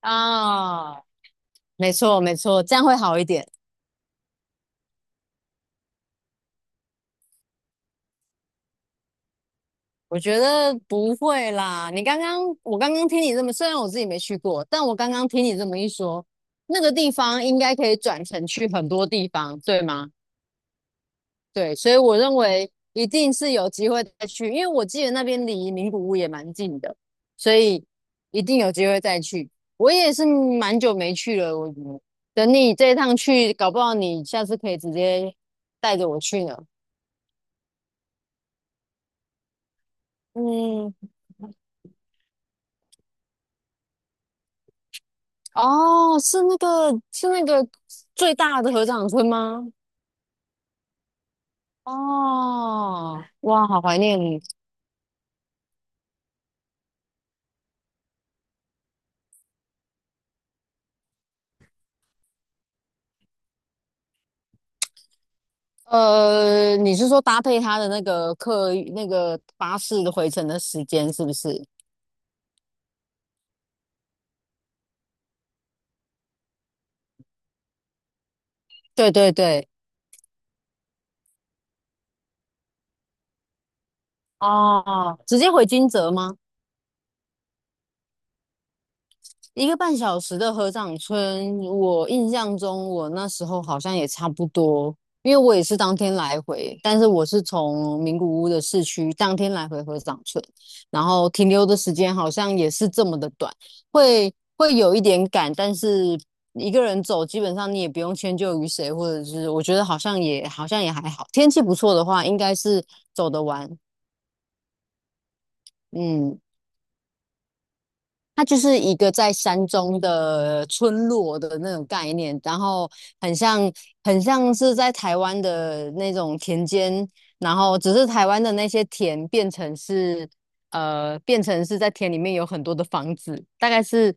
啊，没错没错，这样会好一点。我觉得不会啦。你刚刚，我刚刚听你这么，虽然我自己没去过，但我刚刚听你这么一说，那个地方应该可以转乘去很多地方，对吗？对，所以我认为一定是有机会再去，因为我记得那边离名古屋也蛮近的，所以一定有机会再去。我也是蛮久没去了，我等你这一趟去，搞不好你下次可以直接带着我去呢。嗯，哦，是那个最大的合掌村吗？哦，哇，好怀念你。你是说搭配他的那个客运那个巴士的回程的时间是不是？对对对，哦，直接回金泽吗？一个半小时的合掌村，我印象中我那时候好像也差不多，因为我也是当天来回，但是我是从名古屋的市区当天来回合掌村，然后停留的时间好像也是这么的短，会有一点赶，但是一个人走，基本上你也不用迁就于谁，或者是我觉得好像也还好，天气不错的话，应该是走得完。嗯。它就是一个在山中的村落的那种概念，然后很像很像是在台湾的那种田间，然后只是台湾的那些田变成是变成是在田里面有很多的房子，大概是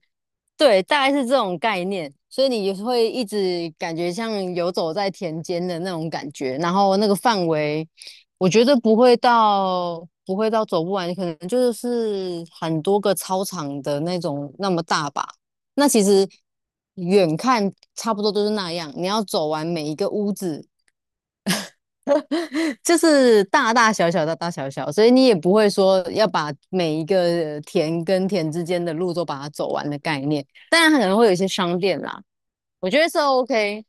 对，大概是这种概念，所以你会一直感觉像游走在田间的那种感觉，然后那个范围。我觉得不会到走不完，可能就是很多个操场的那种那么大吧。那其实远看差不多都是那样，你要走完每一个屋子，就是大大小小，所以你也不会说要把每一个田跟田之间的路都把它走完的概念。当然，它可能会有一些商店啦，我觉得是 OK。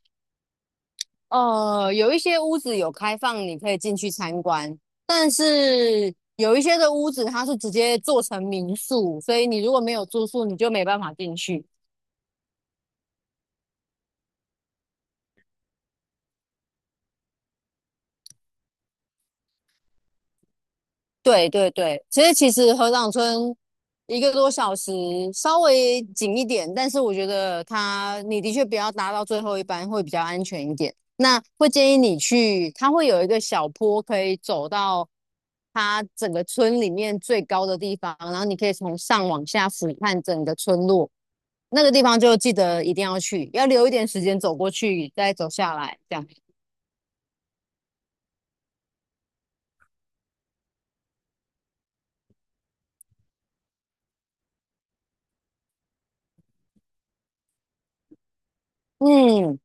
呃，有一些屋子有开放，你可以进去参观，但是有一些的屋子它是直接做成民宿，所以你如果没有住宿，你就没办法进去。对对对，其实河长村一个多小时稍微紧一点，但是我觉得它你的确不要搭到最后一班会比较安全一点。那会建议你去，它会有一个小坡可以走到它整个村里面最高的地方，然后你可以从上往下俯瞰整个村落。那个地方就记得一定要去，要留一点时间走过去，再走下来这样。嗯，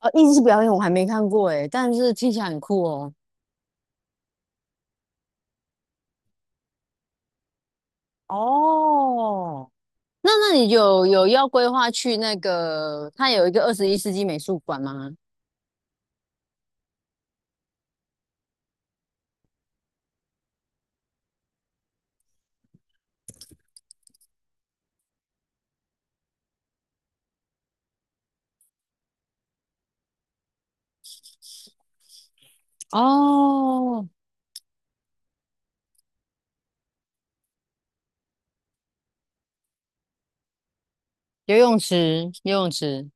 呃，艺术表演我还没看过诶，但是听起来很酷哦。哦，那你有要规划去那个，它有一个21世纪美术馆吗？哦，游泳池，游泳池。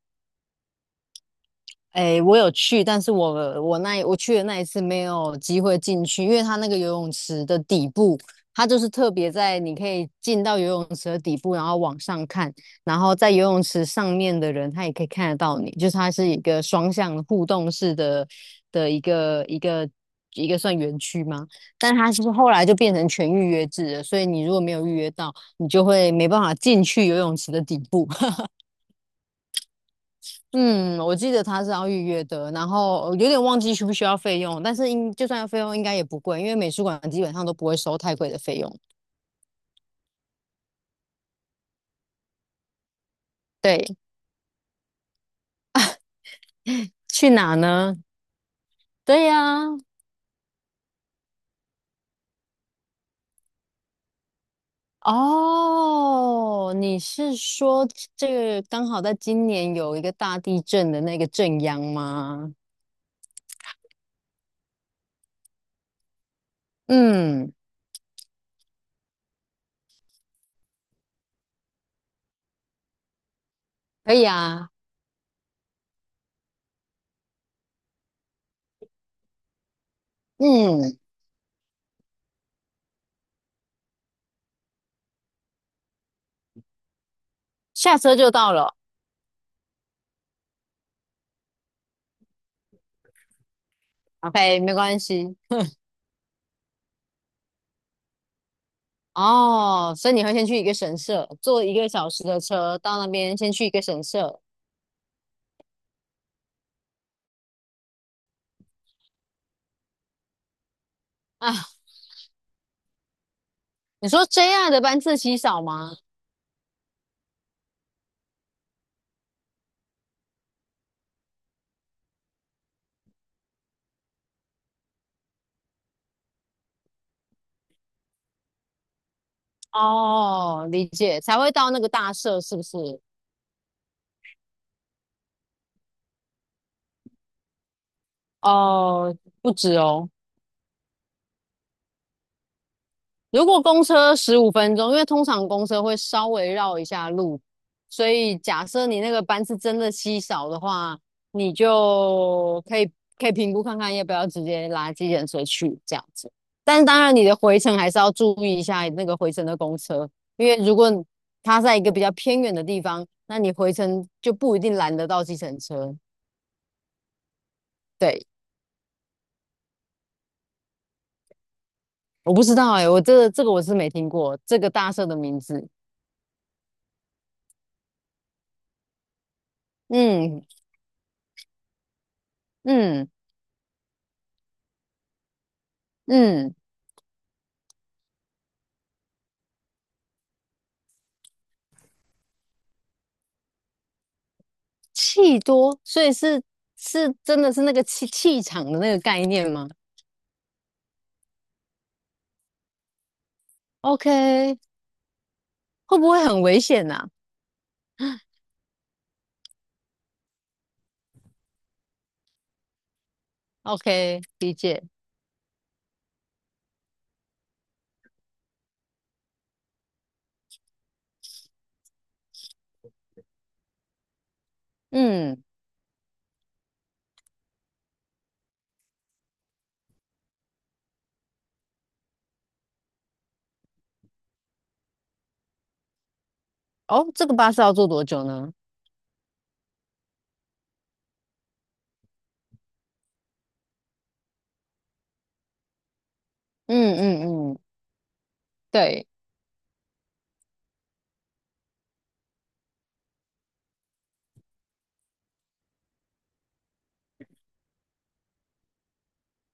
哎，我有去，但是我去的那一次没有机会进去，因为它那个游泳池的底部，它就是特别在你可以进到游泳池的底部，然后往上看，然后在游泳池上面的人，他也可以看得到你，就是它是一个双向互动式的的一个一个一个算园区吗？但它是后来就变成全预约制了，所以你如果没有预约到，你就会没办法进去游泳池的底部。嗯，我记得他是要预约的，然后有点忘记需不需要费用，但是就算要费用应该也不贵，因为美术馆基本上都不会收太贵的费用。对，去哪呢？对呀，哦，你是说这个刚好在今年有一个大地震的那个震央吗？嗯，可以啊，嗯，下车就到了，OK，没关系。哦，所以你会先去一个神社，坐一个小时的车到那边，先去一个神社。啊，你说 JR 的班次稀少吗？哦，理解，才会到那个大社是不是？哦，不止哦。如果公车15分钟，因为通常公车会稍微绕一下路，所以假设你那个班次真的稀少的话，你就可以评估看看要不要直接拉计程车去这样子。但是当然，你的回程还是要注意一下那个回程的公车，因为如果它在一个比较偏远的地方，那你回程就不一定拦得到计程车。对，我不知道哎、我是没听过这个大社的名字。嗯嗯嗯。气多，所以是是真的是那个气场的那个概念吗？OK，会不会很危险呐、o k 理解。嗯，哦，这个巴士要坐多久呢？嗯嗯嗯，对，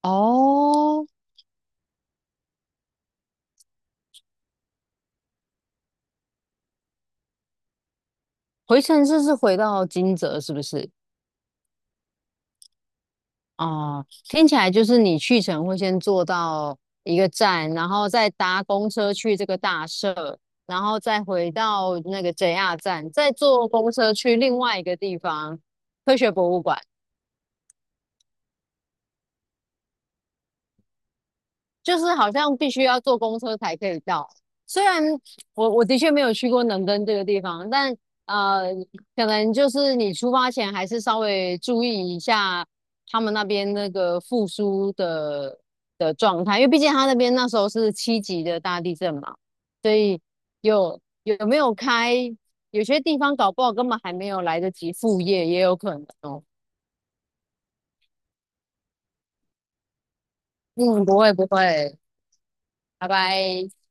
哦，回程是回到金泽是不是？哦，听起来就是你去程会先坐到一个站，然后再搭公车去这个大社，然后再回到那个 JR 站，再坐公车去另外一个地方，科学博物馆。就是好像必须要坐公车才可以到。虽然我的确没有去过能登这个地方，但呃，可能就是你出发前还是稍微注意一下他们那边那个复苏的状态，因为毕竟他那边那时候是7级的大地震嘛，所以有没有开，有些地方搞不好根本还没有来得及复业，也有可能哦。嗯，不会不会，拜拜。